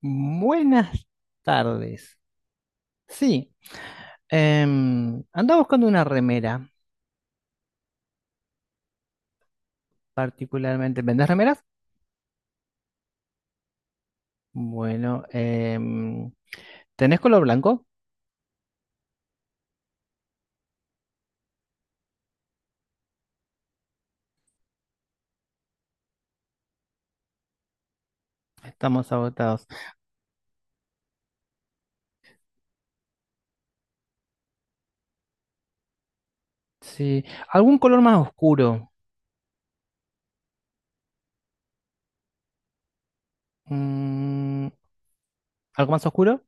Buenas tardes. Sí, andaba buscando una remera, particularmente. ¿Vendés remeras? Bueno, ¿tenés color blanco? Estamos agotados. Sí, ¿algún color más oscuro? Mm, ¿algo más oscuro?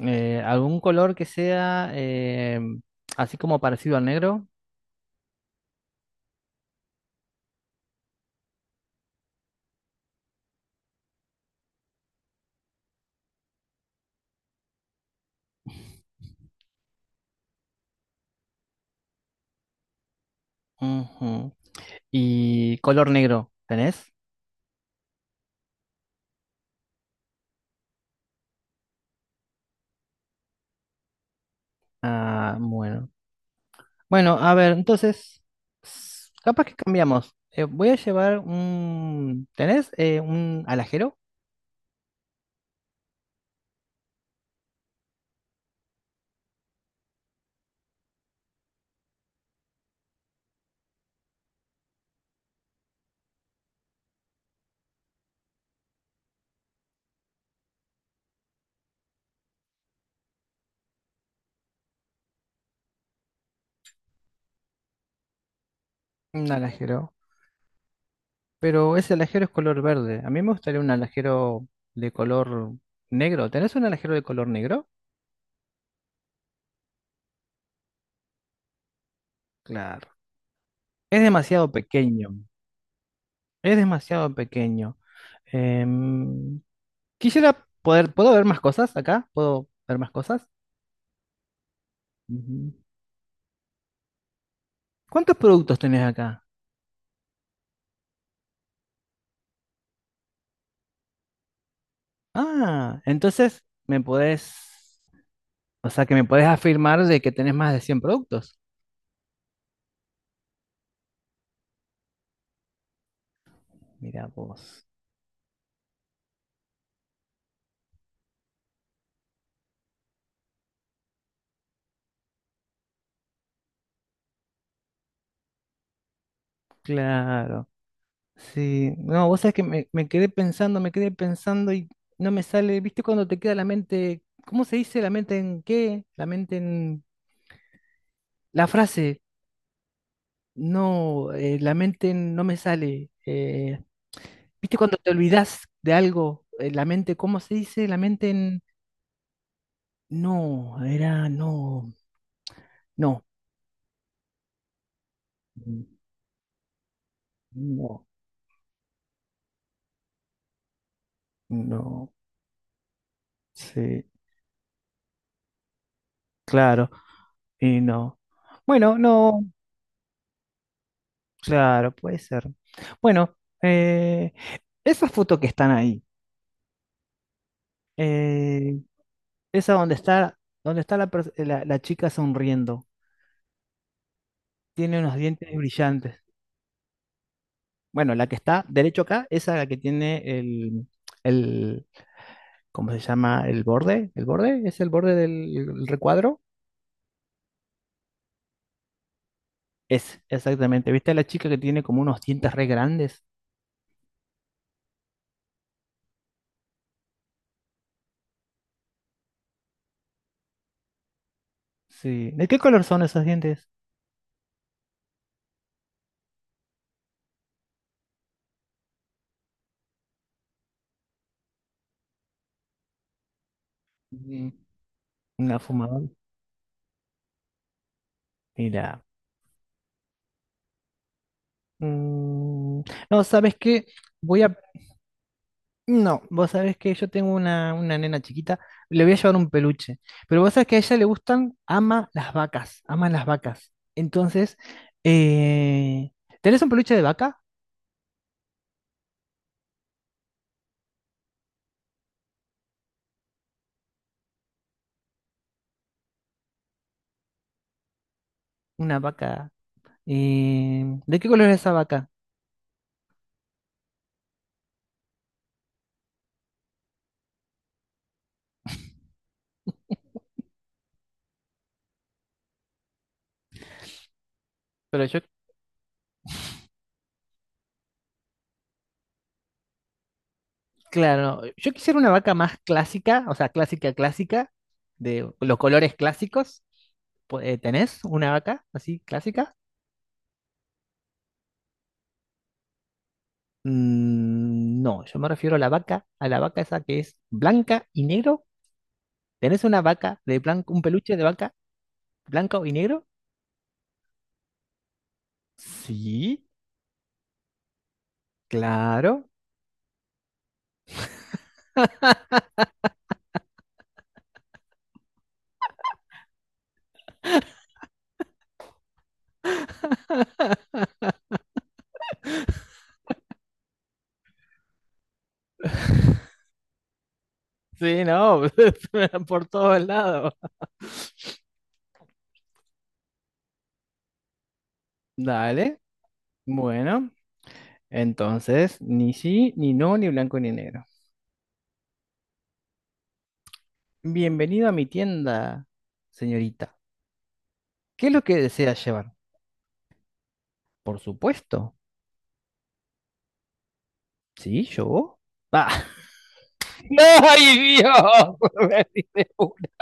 ¿Algún color que sea así como parecido al negro? Ujú. ¿Y color negro? ¿Tenés? Ah, bueno. Bueno, a ver, entonces, capaz que cambiamos. Voy a llevar un... ¿Tenés un alajero? Un alajero. Pero ese alajero es color verde. A mí me gustaría un alajero de color negro. ¿Tenés un alajero de color negro? Claro. Es demasiado pequeño. Es demasiado pequeño. Em, quisiera poder... ¿Puedo ver más cosas acá? ¿Puedo ver más cosas? Ujú. ¿Cuántos productos tenés acá? Ah, entonces me podés... O sea, que me puedes afirmar de que tenés más de 100 productos. Mira vos. Claro. Sí. No, vos sabés que me quedé pensando, me quedé pensando y no me sale. ¿Viste cuando te queda la mente? ¿Cómo se dice? ¿La mente en qué? La mente en... La frase. No, no me sale. ¿Viste cuando te olvidás de algo? La mente, ¿cómo se dice? La mente en... No, era no. No. No. No. Sí. Claro. Y no. Bueno, no, claro, puede ser. Bueno, eh, esas fotos que están ahí, eh, esa donde está la chica sonriendo, tiene unos dientes brillantes. Bueno, la que está derecho acá, esa es la que tiene el, ¿cómo se llama? El borde, es el borde del el recuadro. Es, exactamente. ¿Viste a la chica que tiene como unos dientes re grandes? Sí. ¿De qué color son esos dientes? Mm, una fumadora. Mira. Mm, no, ¿sabes qué? Voy a... No, vos sabés que yo tengo una nena chiquita, le voy a llevar un peluche, pero vos sabés que a ella le gustan, ama las vacas, ama las vacas. Entonces, eh, ¿tenés un peluche de vaca? Una vaca. ¿De qué color es esa vaca? Pero yo, claro, yo quisiera una vaca más clásica, o sea, clásica, clásica, de los colores clásicos. ¿Tenés una vaca así clásica? Mm, no, yo me refiero a la vaca esa que es blanca y negro. ¿Tenés una vaca de blanco, un peluche de vaca blanco y negro? Sí, claro. Sí, no, se me dan por todos lados. Dale, bueno, entonces ni sí, ni no, ni blanco ni negro. Bienvenido a mi tienda, señorita. ¿Qué es lo que desea llevar? Por supuesto. Sí, yo. Ah. ¡Ay, Dios!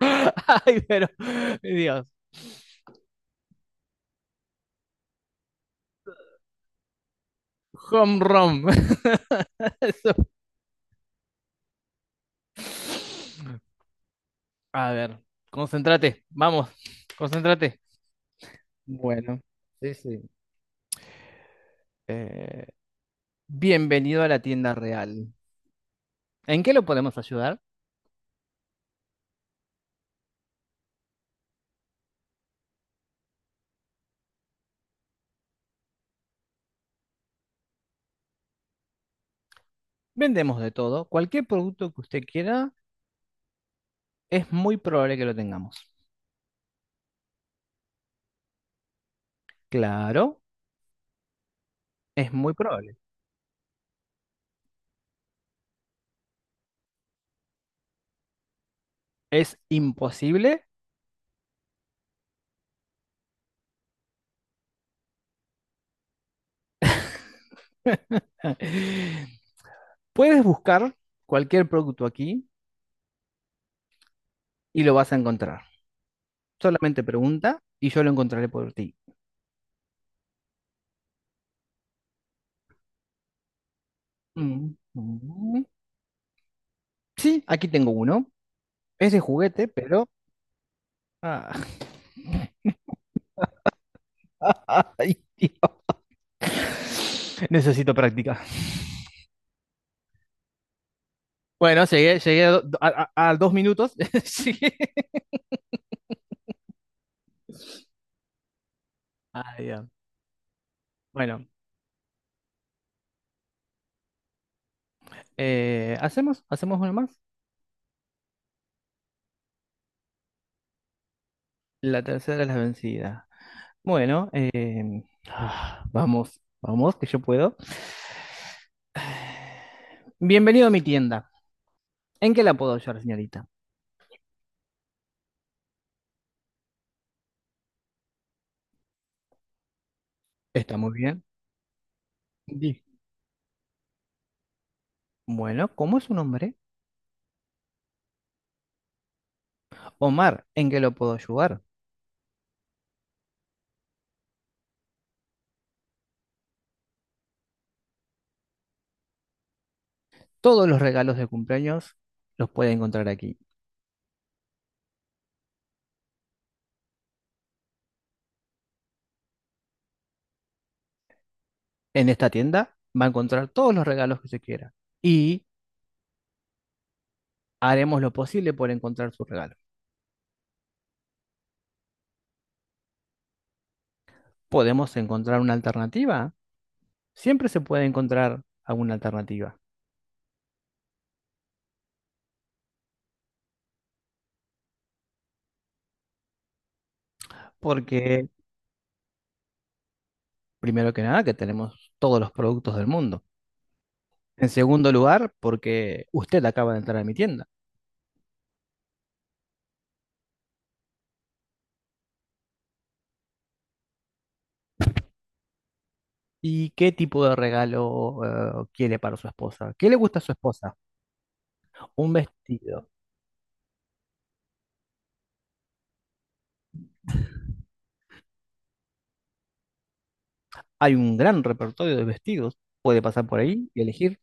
Ay, pero, Dios, home run. Eso. A ver, concéntrate, vamos, concéntrate. Bueno, sí, sí. Eh, bienvenido a la tienda real. ¿En qué lo podemos ayudar? Vendemos de todo. Cualquier producto que usted quiera, es muy probable que lo tengamos. Claro, es muy probable. ¿Es imposible? Puedes buscar cualquier producto aquí y lo vas a encontrar. Solamente pregunta y yo lo encontraré por ti. Mm, mm. Sí, aquí tengo uno. Es de juguete, pero... ah, Ay, Dios, necesito práctica. Bueno, llegué, llegué a, do- a 2 minutos. Sí. Ah, ya. Bueno, ¿hacemos? ¿Hacemos una más? La tercera es la vencida. Bueno, vamos, vamos, que yo puedo. Bienvenido a mi tienda. ¿En qué la puedo ayudar, señorita? Está muy bien. Di. Bueno, ¿cómo es su nombre? Omar, ¿en qué lo puedo ayudar? Todos los regalos de cumpleaños los puede encontrar aquí. En esta tienda va a encontrar todos los regalos que se quiera y haremos lo posible por encontrar su regalo. ¿Podemos encontrar una alternativa? Siempre se puede encontrar alguna alternativa, porque primero que nada que tenemos todos los productos del mundo. En segundo lugar, porque usted acaba de entrar a mi tienda. ¿Y qué tipo de regalo quiere para su esposa? ¿Qué le gusta a su esposa? Un vestido. Hay un gran repertorio de vestidos. Puede pasar por ahí y elegir.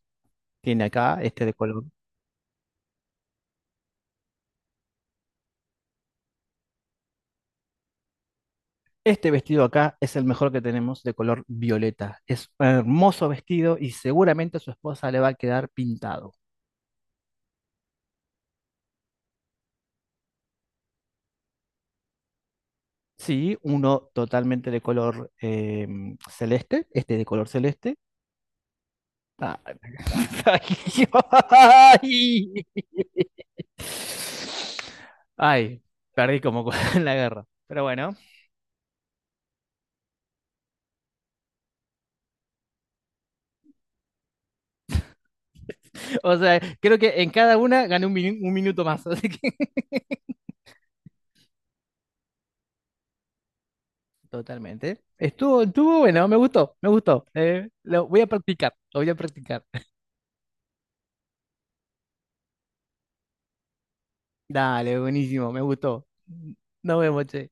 Tiene acá este de color. Este vestido acá es el mejor que tenemos de color violeta. Es un hermoso vestido y seguramente a su esposa le va a quedar pintado. Sí, uno totalmente de color celeste, este de color celeste. Ah, ay, ay. Ay, perdí como en la guerra. Pero bueno, o sea, creo que en cada una gané 1 minuto más. Así que totalmente. Estuvo bueno, me gustó, me gustó. Lo voy a practicar, lo voy a practicar. Dale, buenísimo, me gustó. Nos vemos, che.